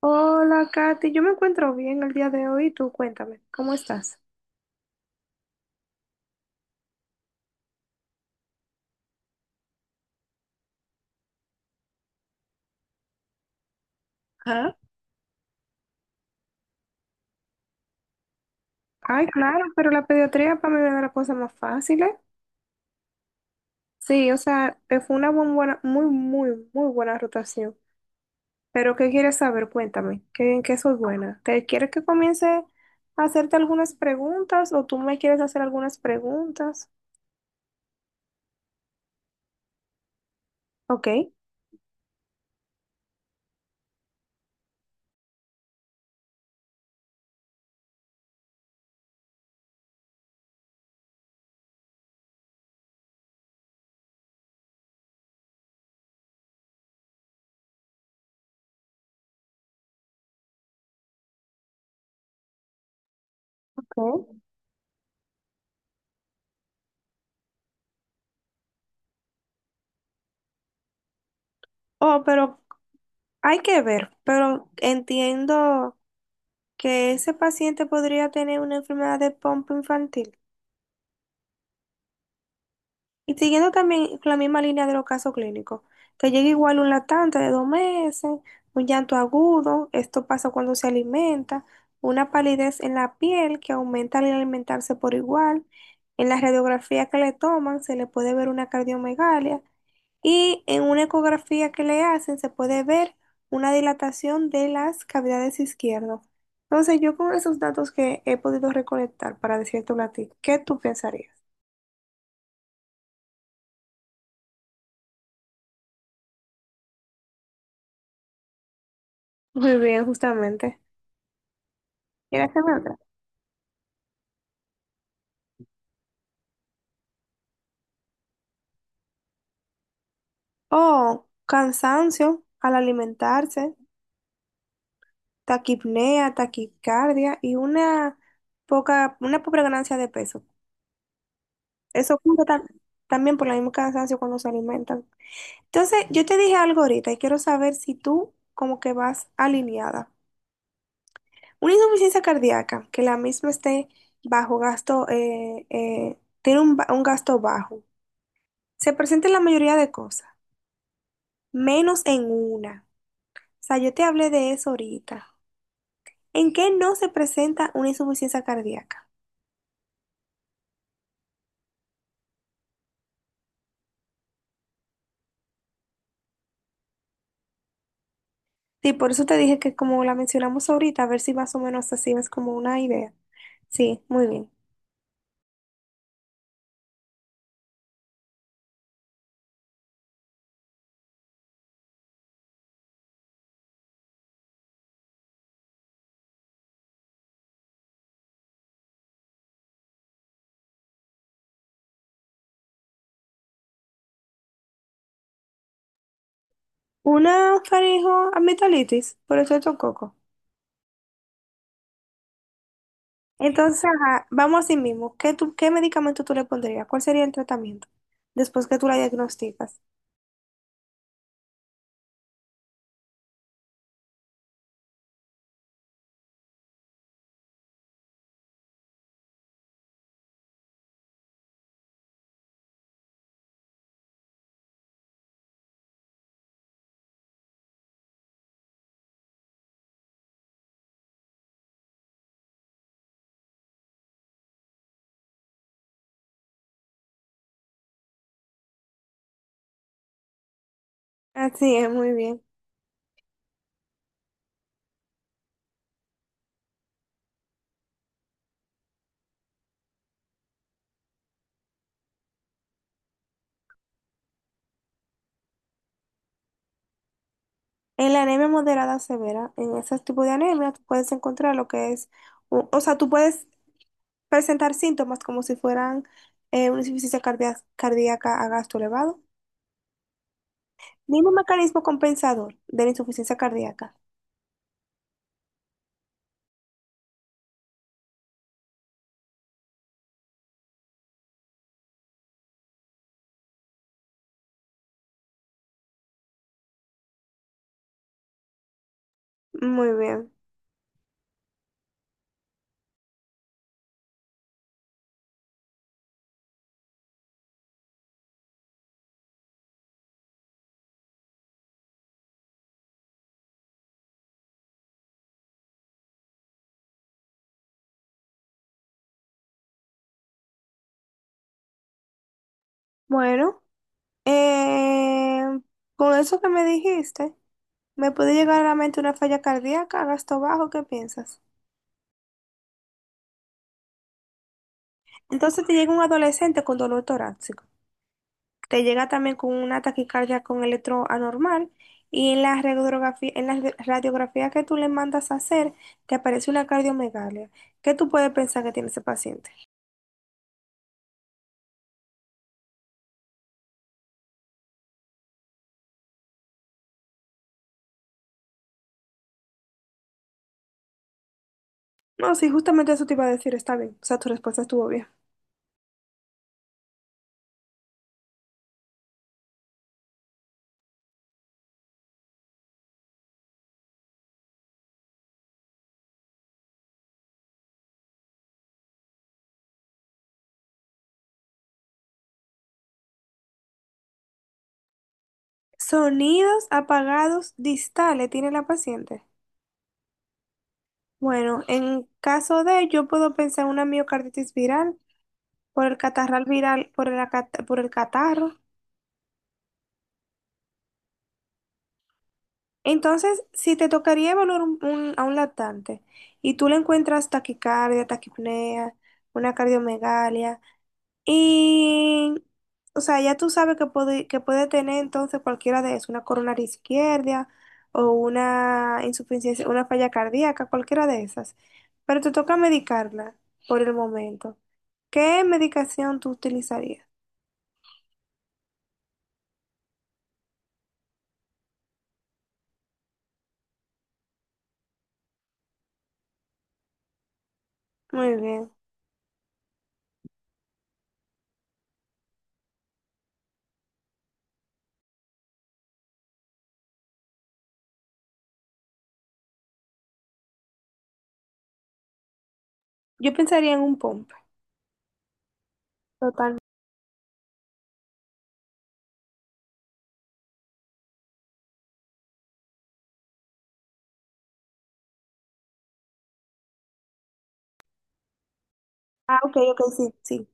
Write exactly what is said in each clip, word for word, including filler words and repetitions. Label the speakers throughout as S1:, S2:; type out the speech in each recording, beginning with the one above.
S1: Hola, Katy. Yo me encuentro bien el día de hoy. Tú cuéntame, ¿cómo estás? Ajá. Ay, claro, pero la pediatría para mí me da la cosa más fácil, ¿eh? Sí, o sea, eh, fue una muy buena, muy, muy, muy buena rotación. Pero, ¿qué quieres saber? Cuéntame, ¿qué, ¿en qué soy buena? ¿Te quieres que comience a hacerte algunas preguntas o tú me quieres hacer algunas preguntas? Ok. Ok. Oh, pero hay que ver, pero entiendo que ese paciente podría tener una enfermedad de pompa infantil. Y siguiendo también con la misma línea de los casos clínicos, que llega igual un latente de dos meses, un llanto agudo, esto pasa cuando se alimenta, una palidez en la piel que aumenta al alimentarse por igual, en la radiografía que le toman se le puede ver una cardiomegalia y en una ecografía que le hacen se puede ver una dilatación de las cavidades izquierdas. Entonces, yo con esos datos que he podido recolectar para decirte a ti, ¿qué tú pensarías? Muy bien, justamente. ¿Quieres hacer otra? O cansancio al alimentarse, taquipnea, taquicardia y una poca, una pobre ganancia de peso. Eso ocurre tam- también por el mismo cansancio cuando se alimentan. Entonces, yo te dije algo ahorita y quiero saber si tú como que vas alineada. Una insuficiencia cardíaca, que la misma esté bajo gasto, eh, eh, tiene un, ba- un gasto bajo. Se presenta en la mayoría de cosas, menos en una. O sea, yo te hablé de eso ahorita. ¿En qué no se presenta una insuficiencia cardíaca? Sí, por eso te dije que como la mencionamos ahorita, a ver si más o menos así es como una idea. Sí, muy bien. Una faringo amigdalitis por el coco. Entonces, ajá, vamos así mismo. ¿Qué, tú- ¿qué medicamento tú le pondrías? ¿Cuál sería el tratamiento después que tú la diagnosticas? Así es, muy bien. En la anemia moderada o severa, en ese tipo de anemia, tú puedes encontrar lo que es, o o sea, tú puedes presentar síntomas como si fueran eh, una insuficiencia cardia- cardíaca a gasto elevado. Mismo mecanismo compensador de la insuficiencia cardíaca. Muy bien. Bueno, eh, con eso que me dijiste, me puede llegar a la mente una falla cardíaca a gasto bajo, ¿qué piensas? Entonces te llega un adolescente con dolor torácico. Te llega también con una taquicardia con electro anormal y en la radiografía, en la re- radiografía que tú le mandas a hacer te aparece una cardiomegalia. ¿Qué tú puedes pensar que tiene ese paciente? No, sí, justamente eso te iba a decir, está bien, o sea, tu respuesta estuvo bien. Sonidos apagados distales tiene la paciente. Bueno, en caso de, yo puedo pensar en una miocarditis viral por el catarral viral, por el, acat- por el catarro. Entonces, si te tocaría evaluar un- un- a un lactante y tú le encuentras taquicardia, taquipnea, una cardiomegalia, y, o sea, ya tú sabes que puede, que puede tener entonces cualquiera de eso, una coronaria izquierda o una insuficiencia, una falla cardíaca, cualquiera de esas. Pero te toca medicarla por el momento. ¿Qué medicación tú utilizarías? Muy bien. Yo pensaría en un POMP. Total. Ah, ok, ok, sí, sí.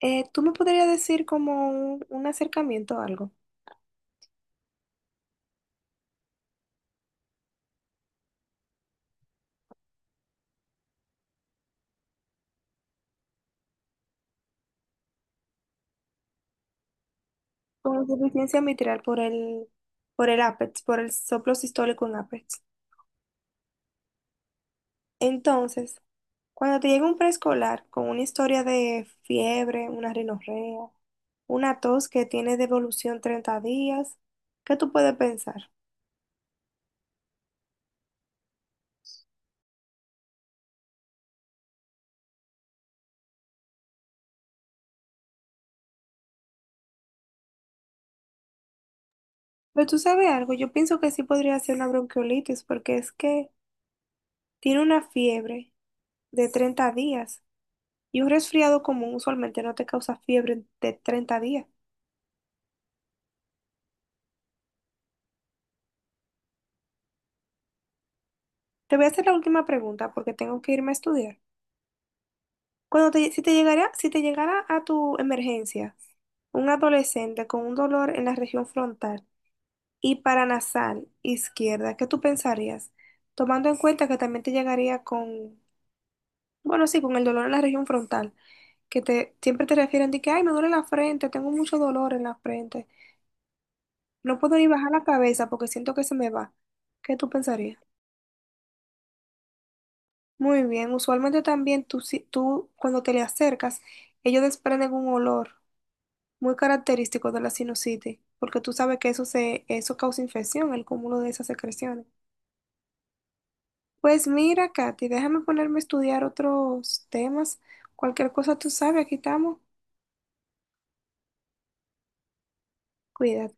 S1: Eh, ¿tú me podrías decir como un, un acercamiento o algo? Con insuficiencia mitral por el, por el ápex, por el soplo sistólico en ápex. Entonces, cuando te llega un preescolar con una historia de fiebre, una rinorrea, una tos que tiene devolución treinta días, ¿qué tú puedes pensar? Pero tú sabes algo, yo pienso que sí podría ser una bronquiolitis porque es que tiene una fiebre de treinta días y un resfriado común usualmente no te causa fiebre de treinta días. Te voy a hacer la última pregunta porque tengo que irme a estudiar. Cuando te, si te llegara, si te llegara a tu emergencia un adolescente con un dolor en la región frontal y paranasal izquierda, ¿qué tú pensarías? Tomando en cuenta que también te llegaría con, bueno, sí, con el dolor en la región frontal, que te siempre te refieren de que, ay, me duele la frente, tengo mucho dolor en la frente, no puedo ni bajar la cabeza porque siento que se me va. ¿Qué tú pensarías? Muy bien, usualmente también tú, si- tú cuando te le acercas, ellos desprenden un olor muy característico de la sinusitis, porque tú sabes que eso, se, eso causa infección, el cúmulo de esas secreciones. Pues mira, Katy, déjame ponerme a estudiar otros temas. Cualquier cosa tú sabes, aquí estamos. Cuídate.